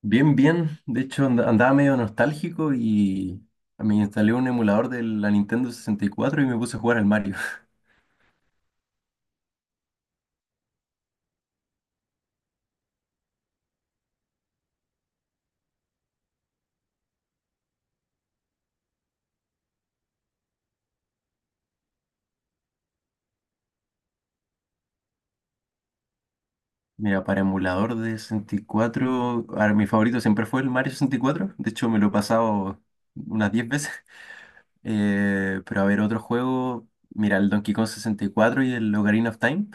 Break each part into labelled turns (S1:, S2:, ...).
S1: Bien, bien. De hecho, andaba medio nostálgico y me instalé un emulador de la Nintendo 64 y me puse a jugar al Mario. Mira, para emulador de 64, ahora, mi favorito siempre fue el Mario 64. De hecho, me lo he pasado unas 10 veces. Pero a ver, otro juego, mira, el Donkey Kong 64 y el Ocarina of Time.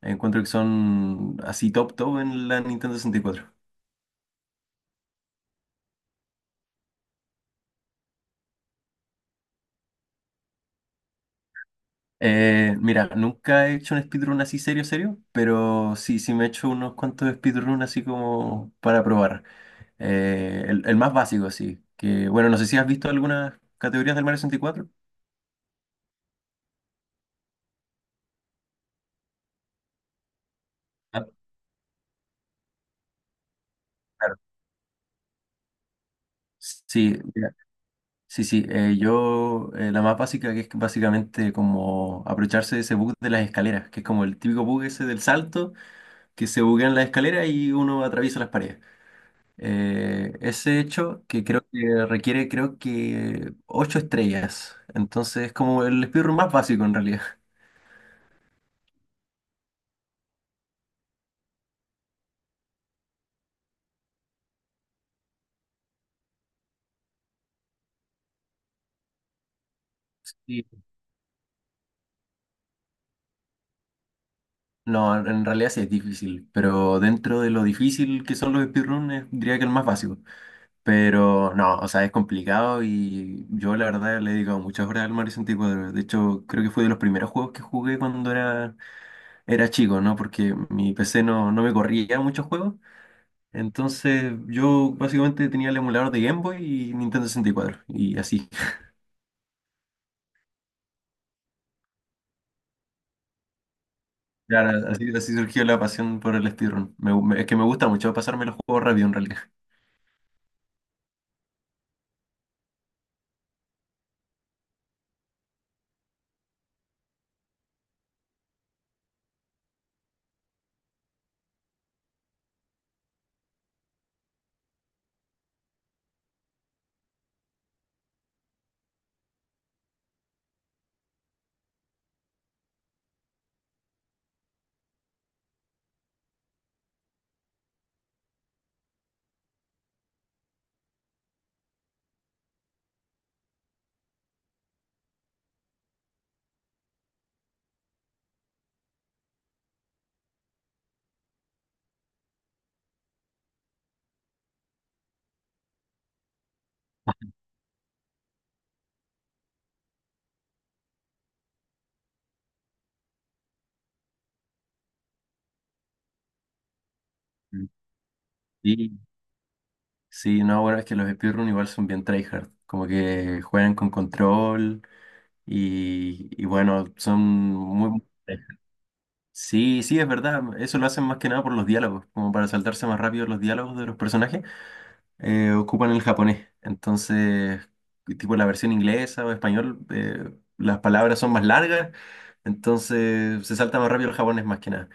S1: Encuentro que son así top top en la Nintendo 64. Mira, nunca he hecho un speedrun así serio, serio, pero sí, sí me he hecho unos cuantos speedrun así como para probar. El más básico, sí. Que bueno, no sé si has visto algunas categorías del Mario 64. Ah, claro. Sí, mira, sí, sí. La más básica, que es básicamente como aprovecharse de ese bug de las escaleras, que es como el típico bug ese del salto, que se buguean las escaleras y uno atraviesa las paredes. Ese hecho que creo que requiere, creo que, 8 estrellas. Entonces es como el speedrun más básico en realidad. Sí. No, en realidad sí es difícil, pero dentro de lo difícil que son los speedruns, diría que el más básico. Pero no, o sea, es complicado y yo la verdad le he dedicado muchas horas al Mario 64. De hecho, creo que fue de los primeros juegos que jugué cuando era chico, ¿no? Porque mi PC no, no me corría muchos juegos. Entonces yo básicamente tenía el emulador de Game Boy y Nintendo 64 y cuatro. Y así. Claro, así, así surgió la pasión por el speedrun. Es que me gusta mucho pasarme los juegos rápido en realidad. Mm. Sí, sí, no, bueno, es que los speedrun igual son bien tryhard. Como que juegan con control y bueno, son muy... Sí, sí, es verdad. Eso lo hacen más que nada por los diálogos, como para saltarse más rápido los diálogos de los personajes. Ocupan el japonés. Entonces, tipo la versión inglesa o español, las palabras son más largas, entonces se salta más rápido el japonés más que nada.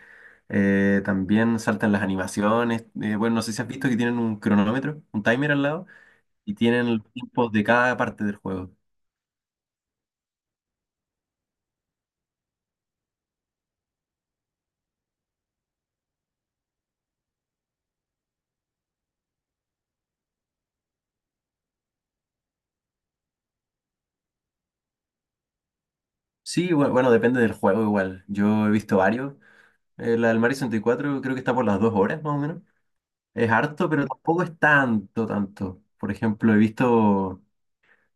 S1: También saltan las animaciones. Bueno, no sé si has visto que tienen un cronómetro, un timer al lado, y tienen los tiempos de cada parte del juego. Sí, bueno, depende del juego igual. Yo he visto varios. La del Mario 64 creo que está por las 2 horas más o menos. Es harto, pero tampoco es tanto, tanto. Por ejemplo, he visto.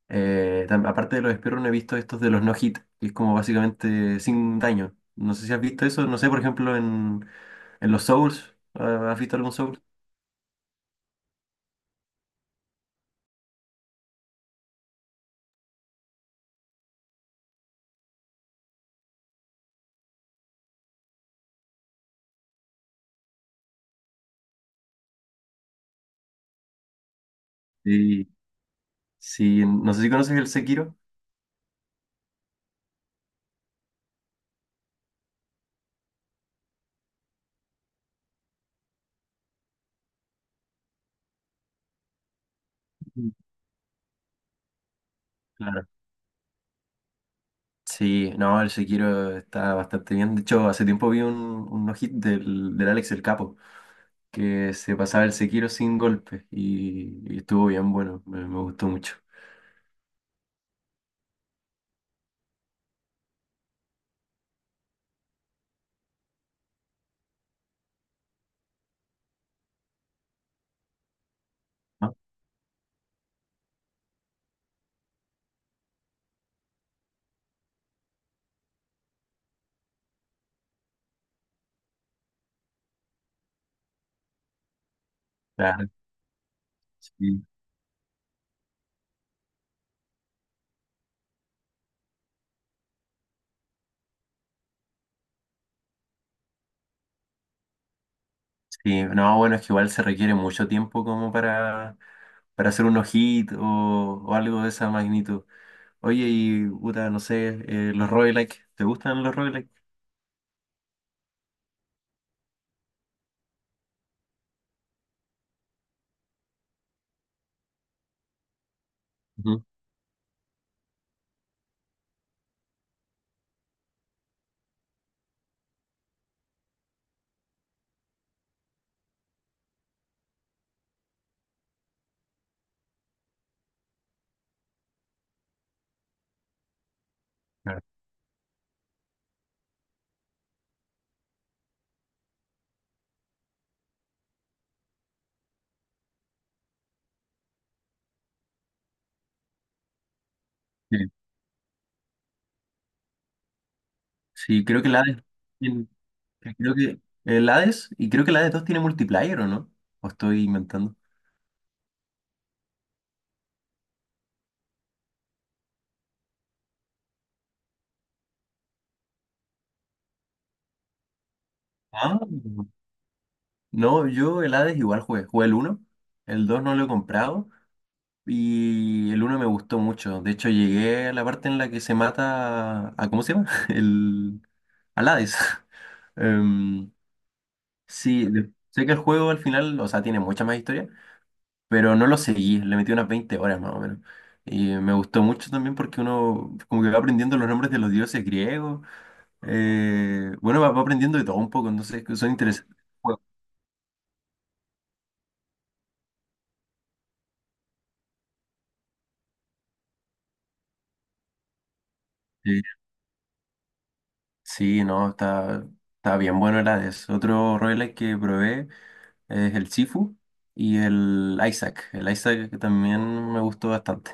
S1: Aparte de los speedrun, he visto estos de los no hit, que es como básicamente sin daño. No sé si has visto eso, no sé, por ejemplo, en los Souls, ah, ¿has visto algún Souls? Sí, sí, en- no sé si conoces el Sekiro. Mm. Claro. Sí, no, el Sekiro está bastante bien. De hecho, hace tiempo vi un no hit del Alex el Capo, que se pasaba el Sekiro sin golpes y estuvo bien bueno, me gustó mucho. ¿No? Claro. Sí, no, bueno, es que igual se requiere mucho tiempo como para hacer unos hits o algo de esa magnitud. Oye, y puta, no sé, los roguelike, ¿te gustan los roguelike? Ujú, claro. Sí, Sí, creo que el Hades, tiene- creo que el Hades, y creo que el Hades 2 tiene multiplayer, ¿o no? ¿O estoy inventando? Ah, no, yo el Hades igual jugué, jugué el uno. El 2 no lo he comprado. Y el uno me gustó mucho. De hecho, llegué a la parte en la que se mata a, ¿cómo se llama? El, al Hades. Em, sí, sé que el juego al final, o sea, tiene mucha más historia, pero no lo seguí. Le metí unas 20 horas más o menos. Y me gustó mucho también porque uno como que va aprendiendo los nombres de los dioses griegos. Bueno, va, va aprendiendo de todo un poco, entonces son interesantes. Sí, Sí, no, está, está bien bueno el Hades. Otro roguelike que probé es el Sifu y el Isaac. El Isaac que también me gustó bastante.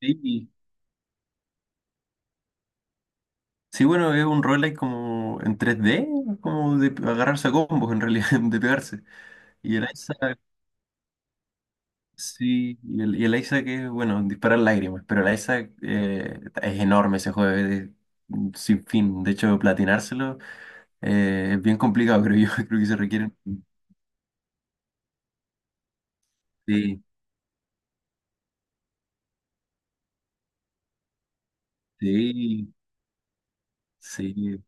S1: Sí. Sí, bueno, es un roguelike como en 3D, como de agarrarse a combos en realidad, de pegarse. Y el Isaac, sí, y el Isaac es, bueno, disparar lágrimas, pero el Isaac es enorme ese juego, es sin fin. De hecho, platinárselo es bien complicado, creo yo, creo que se requieren. Sí, sí, sí.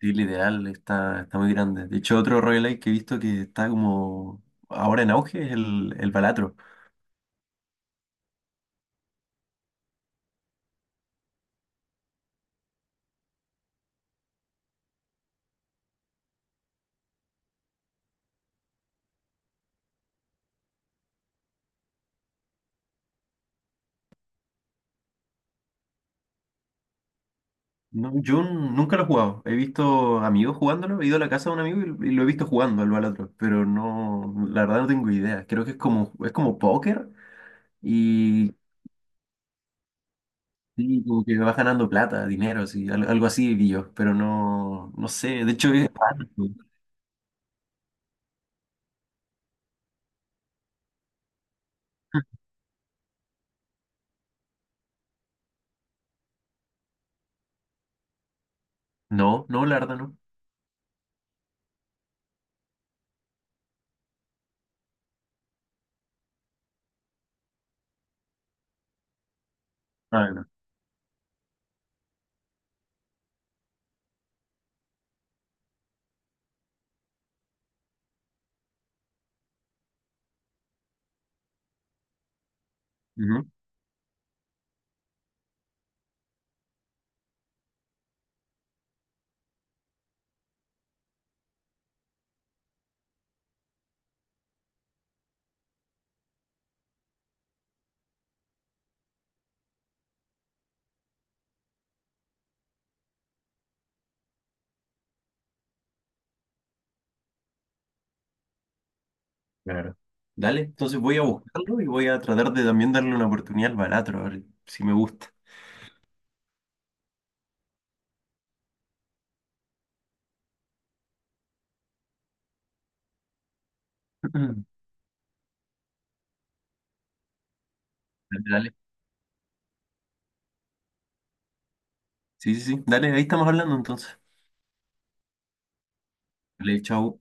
S1: Sí, literal, está, está muy grande. De hecho, otro roguelike que he visto que está como ahora en auge es el Balatro. No, yo nunca lo he jugado. He visto amigos jugándolo, he ido a la casa de un amigo y lo he visto jugando al Balatro, pero no, la verdad no tengo idea. Creo que es como póker y, sí, como que vas ganando plata, dinero, sí, algo así vi yo, pero no, no sé. De hecho, es... raro. No, no, la verdad no. Ah, no. Claro. Dale, entonces voy a buscarlo y voy a tratar de también darle una oportunidad al Balatro, a ver si me gusta. Dale, dale. Sí, sí, sí. Dale, ahí estamos hablando entonces. Dale, chao.